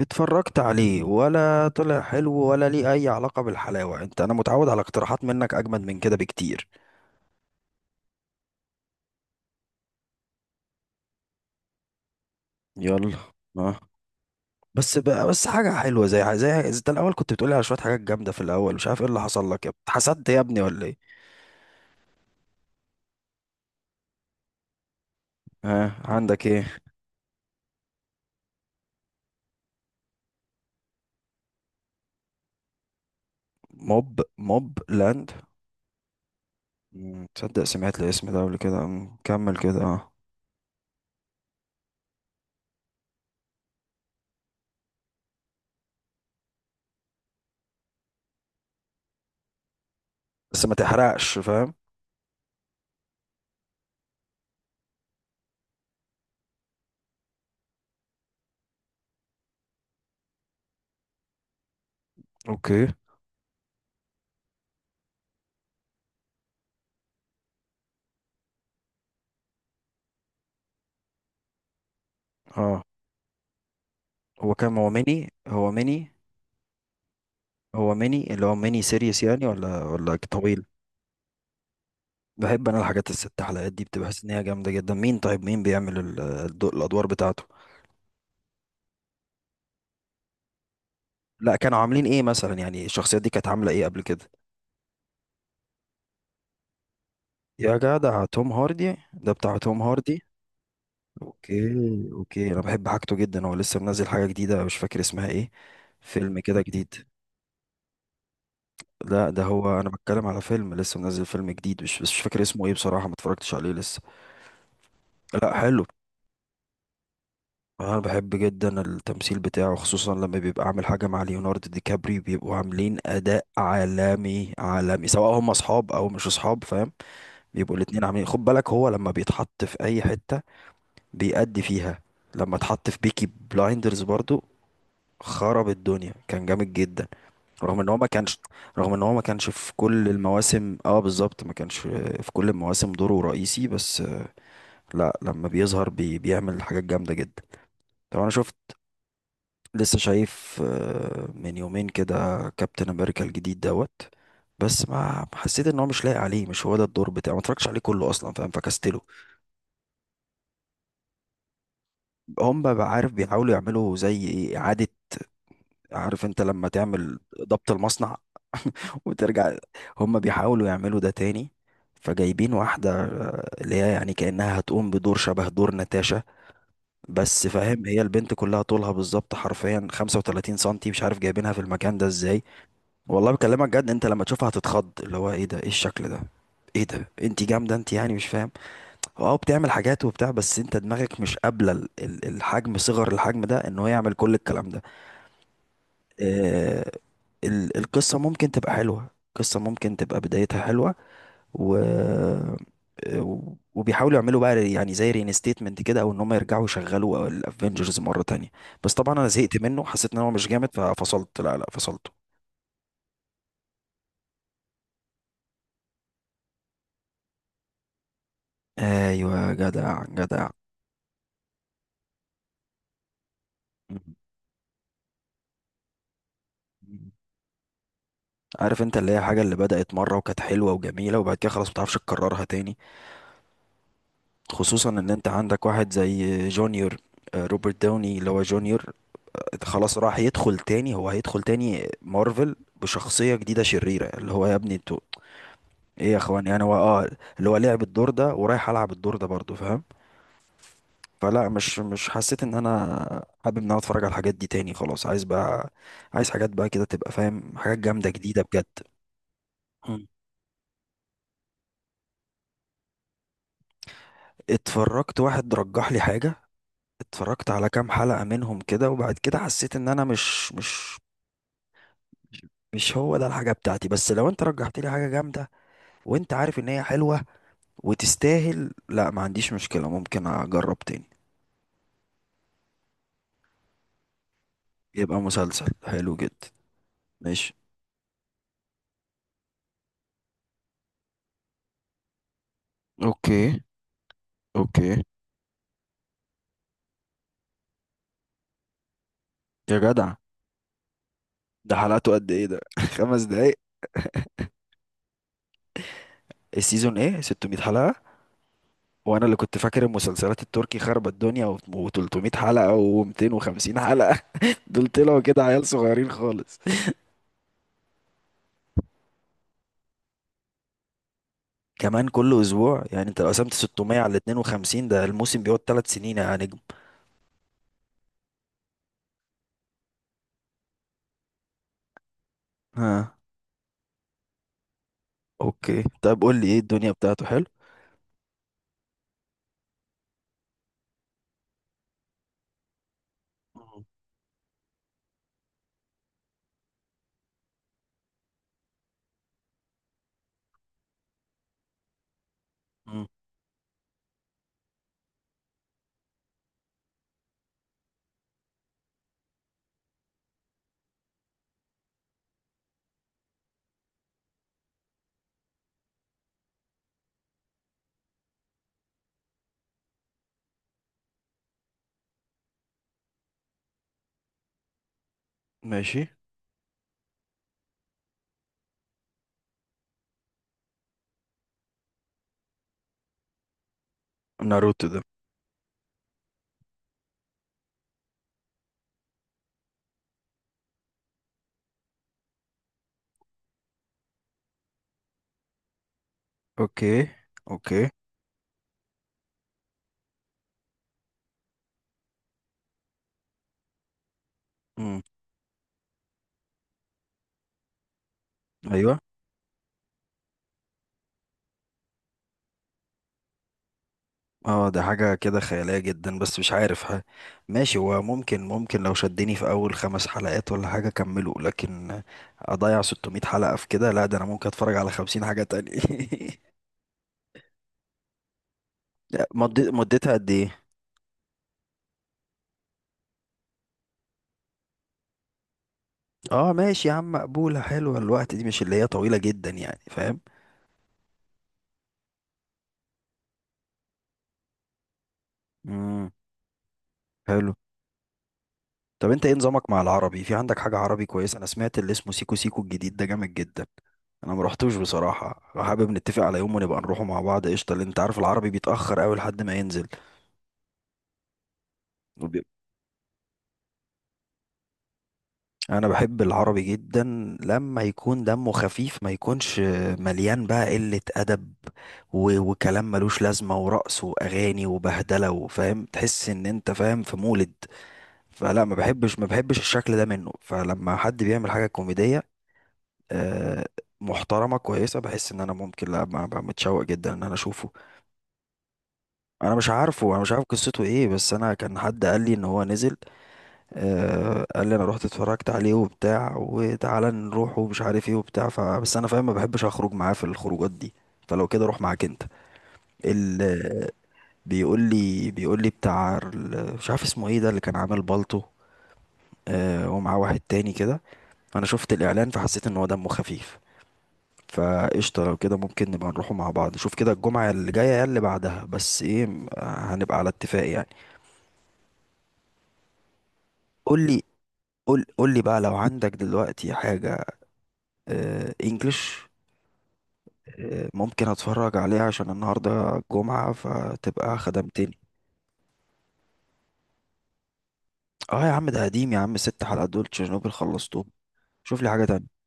اتفرجت عليه ولا طلع حلو ولا ليه اي علاقة بالحلاوة؟ انت انا متعود على اقتراحات منك اجمد من كده بكتير. يلا. اه. بس بقى حاجة حلوة زي زي الاول كنت بتقولي على شوية حاجات جامدة في الاول، مش عارف ايه اللي حصل لك يا ابني. حسدت يا ابني ولا ايه؟ ها، عندك ايه؟ موب لاند؟ تصدق سمعت الاسم ده قبل كده. كمل كده. اه. بس ما تحرقش، فاهم. اوكي. اه. هو كام، هو ميني، هو ميني اللي هو ميني سيريس يعني ولا طويل؟ بحب انا الحاجات الست حلقات دي، بتبقى حاسس ان هي جامده جدا. مين طيب، مين بيعمل الادوار بتاعته؟ لا كانوا عاملين ايه مثلا؟ يعني الشخصيات دي كانت عامله ايه قبل كده؟ يا جدع توم هاردي، ده بتاع توم هاردي. اوكي. اوكي، انا بحب حاجته جدا. هو لسه منزل حاجه جديده مش فاكر اسمها ايه، فيلم كده جديد. لا ده هو انا بتكلم على فيلم لسه منزل، فيلم جديد مش بس مش فاكر اسمه ايه بصراحه، ما اتفرجتش عليه لسه. لا حلو. انا بحب جدا التمثيل بتاعه، خصوصا لما بيبقى عامل حاجه مع ليوناردو دي كابريو، بيبقوا عاملين اداء عالمي، سواء هم اصحاب او مش اصحاب، فاهم. بيبقوا الاتنين عاملين، خد بالك هو لما بيتحط في اي حته بيأدي فيها. لما اتحط في بيكي بلايندرز برضو، خرب الدنيا، كان جامد جدا. رغم ان هو ما كانش رغم ان هو ما كانش في كل المواسم. اه بالظبط، ما كانش في كل المواسم دوره رئيسي بس، لا لما بيظهر بيعمل حاجات جامده جدا. طب انا شفت، لسه شايف من يومين كده، كابتن امريكا الجديد دوت. بس ما حسيت ان هو مش لايق عليه، مش هو ده الدور بتاعه. ما اتفرجتش عليه كله اصلا، فاهم، فكستله. هم بقى عارف بيحاولوا يعملوا زي ايه، اعاده. عارف انت لما تعمل ضبط المصنع وترجع، هم بيحاولوا يعملوا ده تاني. فجايبين واحدة اللي هي يعني كأنها هتقوم بدور شبه دور ناتاشا، بس فاهم هي البنت كلها طولها بالظبط حرفيا 35 سنتي، مش عارف جايبينها في المكان ده ازاي. والله بكلمك جد، انت لما تشوفها هتتخض اللي هو ايه ده، ايه الشكل ده، ايه ده، انت جامده انت يعني، مش فاهم. اه بتعمل حاجات وبتاع، بس انت دماغك مش قابله الحجم، صغر الحجم ده، ان هو يعمل كل الكلام ده. اه. القصه ممكن تبقى حلوه، القصه ممكن تبقى بدايتها حلوه. و اه، وبيحاولوا يعملوا بقى يعني زي رينستيتمنت كده، او ان هم يرجعوا يشغلوا الافنجرز مره تانية. بس طبعا انا زهقت منه، حسيت ان هو مش جامد ففصلت. لا فصلته. ايوه جدع. مم. عارف انت اللي هي الحاجة اللي بدأت مرة وكانت حلوة وجميلة، وبعد كده خلاص متعرفش تكررها تاني، خصوصا ان انت عندك واحد زي جونيور، روبرت داوني اللي هو جونيور. خلاص راح يدخل تاني، هو هيدخل تاني مارفل بشخصية جديدة شريرة، اللي هو يا ابني انتوا ايه يا اخوان، يعني هو اه اللي هو لعب الدور ده ورايح العب الدور ده برضه، فاهم. فلا مش حسيت ان انا حابب ان انا اتفرج على الحاجات دي تاني، خلاص عايز بقى، عايز حاجات بقى كده تبقى فاهم، حاجات جامدة جديدة بجد. مم. اتفرجت، واحد رجح لي حاجة، اتفرجت على كام حلقة منهم كده وبعد كده حسيت ان انا مش هو ده الحاجة بتاعتي. بس لو انت رجحت لي حاجة جامدة وانت عارف ان هي حلوة وتستاهل، لا ما عنديش مشكلة، ممكن اجرب تاني. يبقى مسلسل حلو جدا. ماشي. اوكي. اوكي. يا جدع، ده حلقته قد ايه ده؟ خمس دقايق؟ السيزون ايه، 600 حلقة؟ وانا اللي كنت فاكر المسلسلات التركي خربت الدنيا و300 حلقة و250 حلقة. دول طلعوا كده عيال صغيرين خالص. كمان كل اسبوع؟ يعني انت لو قسمت 600 على 52، ده الموسم بيقعد 3 سنين يا نجم. ها. اوكي طيب، قول لي ايه الدنيا بتاعته، حلو. مم. مم. ماشي. ناروتو ده. اوكي. اوكي. مم. ايوه. اه ده حاجة كده خيالية جدا بس مش عارف، ها. ماشي، هو ممكن ممكن لو شدني في اول خمس حلقات ولا حاجة اكمله، لكن اضيع 600 حلقة في كده؟ لا ده انا ممكن اتفرج على 50 حاجة تانية. لا، مدتها قد ايه؟ اه ماشي يا عم، مقبولة حلوة الوقت دي، مش اللي هي طويلة جدا يعني، فاهم. امم. حلو. طب انت ايه نظامك مع العربي؟ في عندك حاجة عربي كويسة؟ انا سمعت اللي اسمه سيكو سيكو الجديد ده جامد جدا. انا ما رحتوش بصراحة، حابب نتفق على يوم ونبقى نروحه مع بعض، قشطة، لان انت عارف العربي بيتأخر قوي لحد ما ينزل. وبي- انا بحب العربي جدا لما يكون دمه خفيف، ما يكونش مليان بقى قلة ادب وكلام ملوش لازمة ورقص واغاني وبهدلة وفاهم، تحس ان انت فاهم في مولد. فلا، ما بحبش الشكل ده منه. فلما حد بيعمل حاجة كوميدية آه، محترمة كويسة، بحس ان انا ممكن لا، متشوق جدا ان انا اشوفه. انا مش عارفه، انا مش عارف قصته ايه، بس انا كان حد قال لي ان هو نزل، قال لي انا رحت اتفرجت عليه وبتاع وتعالى نروح ومش عارف ايه وبتاع، فبس انا فاهم ما بحبش اخرج معاه في الخروجات دي. فلو كده روح معاك انت. ال، بيقول لي بتاع مش عارف اسمه ايه ده، اللي كان عامل بالطو ومعاه واحد تاني كده. فانا شفت الاعلان فحسيت ان هو دمه خفيف، فقشطة لو كده ممكن نبقى نروحوا مع بعض، شوف كده الجمعة اللي جاية يا اللي بعدها، بس ايه هنبقى على اتفاق يعني. قول لي، قول لي بقى لو عندك دلوقتي حاجة. آه انجلش، آه ممكن اتفرج عليها عشان النهاردة جمعة فتبقى خدمتني. اه يا عم ده قديم يا عم، ست حلقات دول تشيرنوبل، خلصتهم. شوف لي حاجة تانية.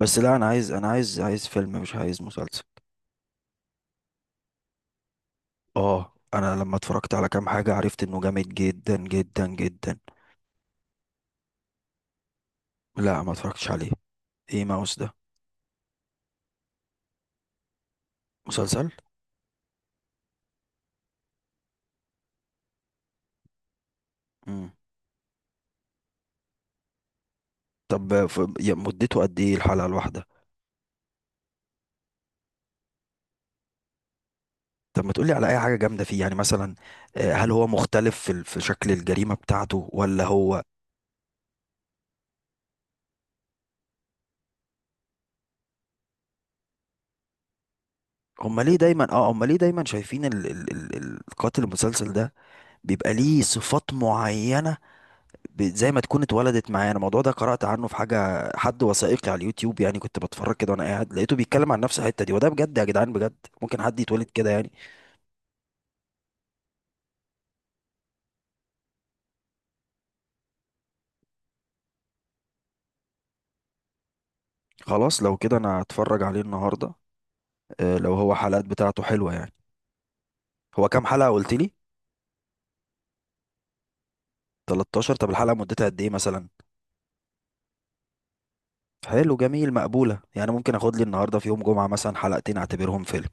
بس لا انا عايز، انا عايز فيلم مش عايز مسلسل. اه انا لما اتفرجت على كام حاجة عرفت انه جامد جدا جدا جدا. لا ما اتفرجتش عليه، ايه ماوس ده؟ مسلسل. امم. طب مدته قد ايه الحلقة الواحدة؟ طب ما تقولي على اي حاجة جامدة فيه يعني مثلا، هل هو مختلف في في شكل الجريمة بتاعته ولا هو؟ هما ليه دايما، اه هما ليه دايما شايفين ال القاتل المسلسل ده بيبقى ليه صفات معينة، زي ما تكون اتولدت معاه؟ انا الموضوع ده قرأت عنه في حاجة حد وثائقي على اليوتيوب، يعني كنت بتفرج كده وانا قاعد لقيته بيتكلم عن نفس الحتة دي، وده بجد يا جدعان بجد، ممكن حد يتولد كده يعني؟ خلاص لو كده انا هتفرج عليه النهارده، لو هو حلقات بتاعته حلوه يعني. هو كام حلقه قلت لي؟ 13؟ طب الحلقه مدتها قد ايه مثلا؟ حلو جميل، مقبوله يعني، ممكن اخد لي النهارده في يوم جمعه مثلا حلقتين اعتبرهم فيلم.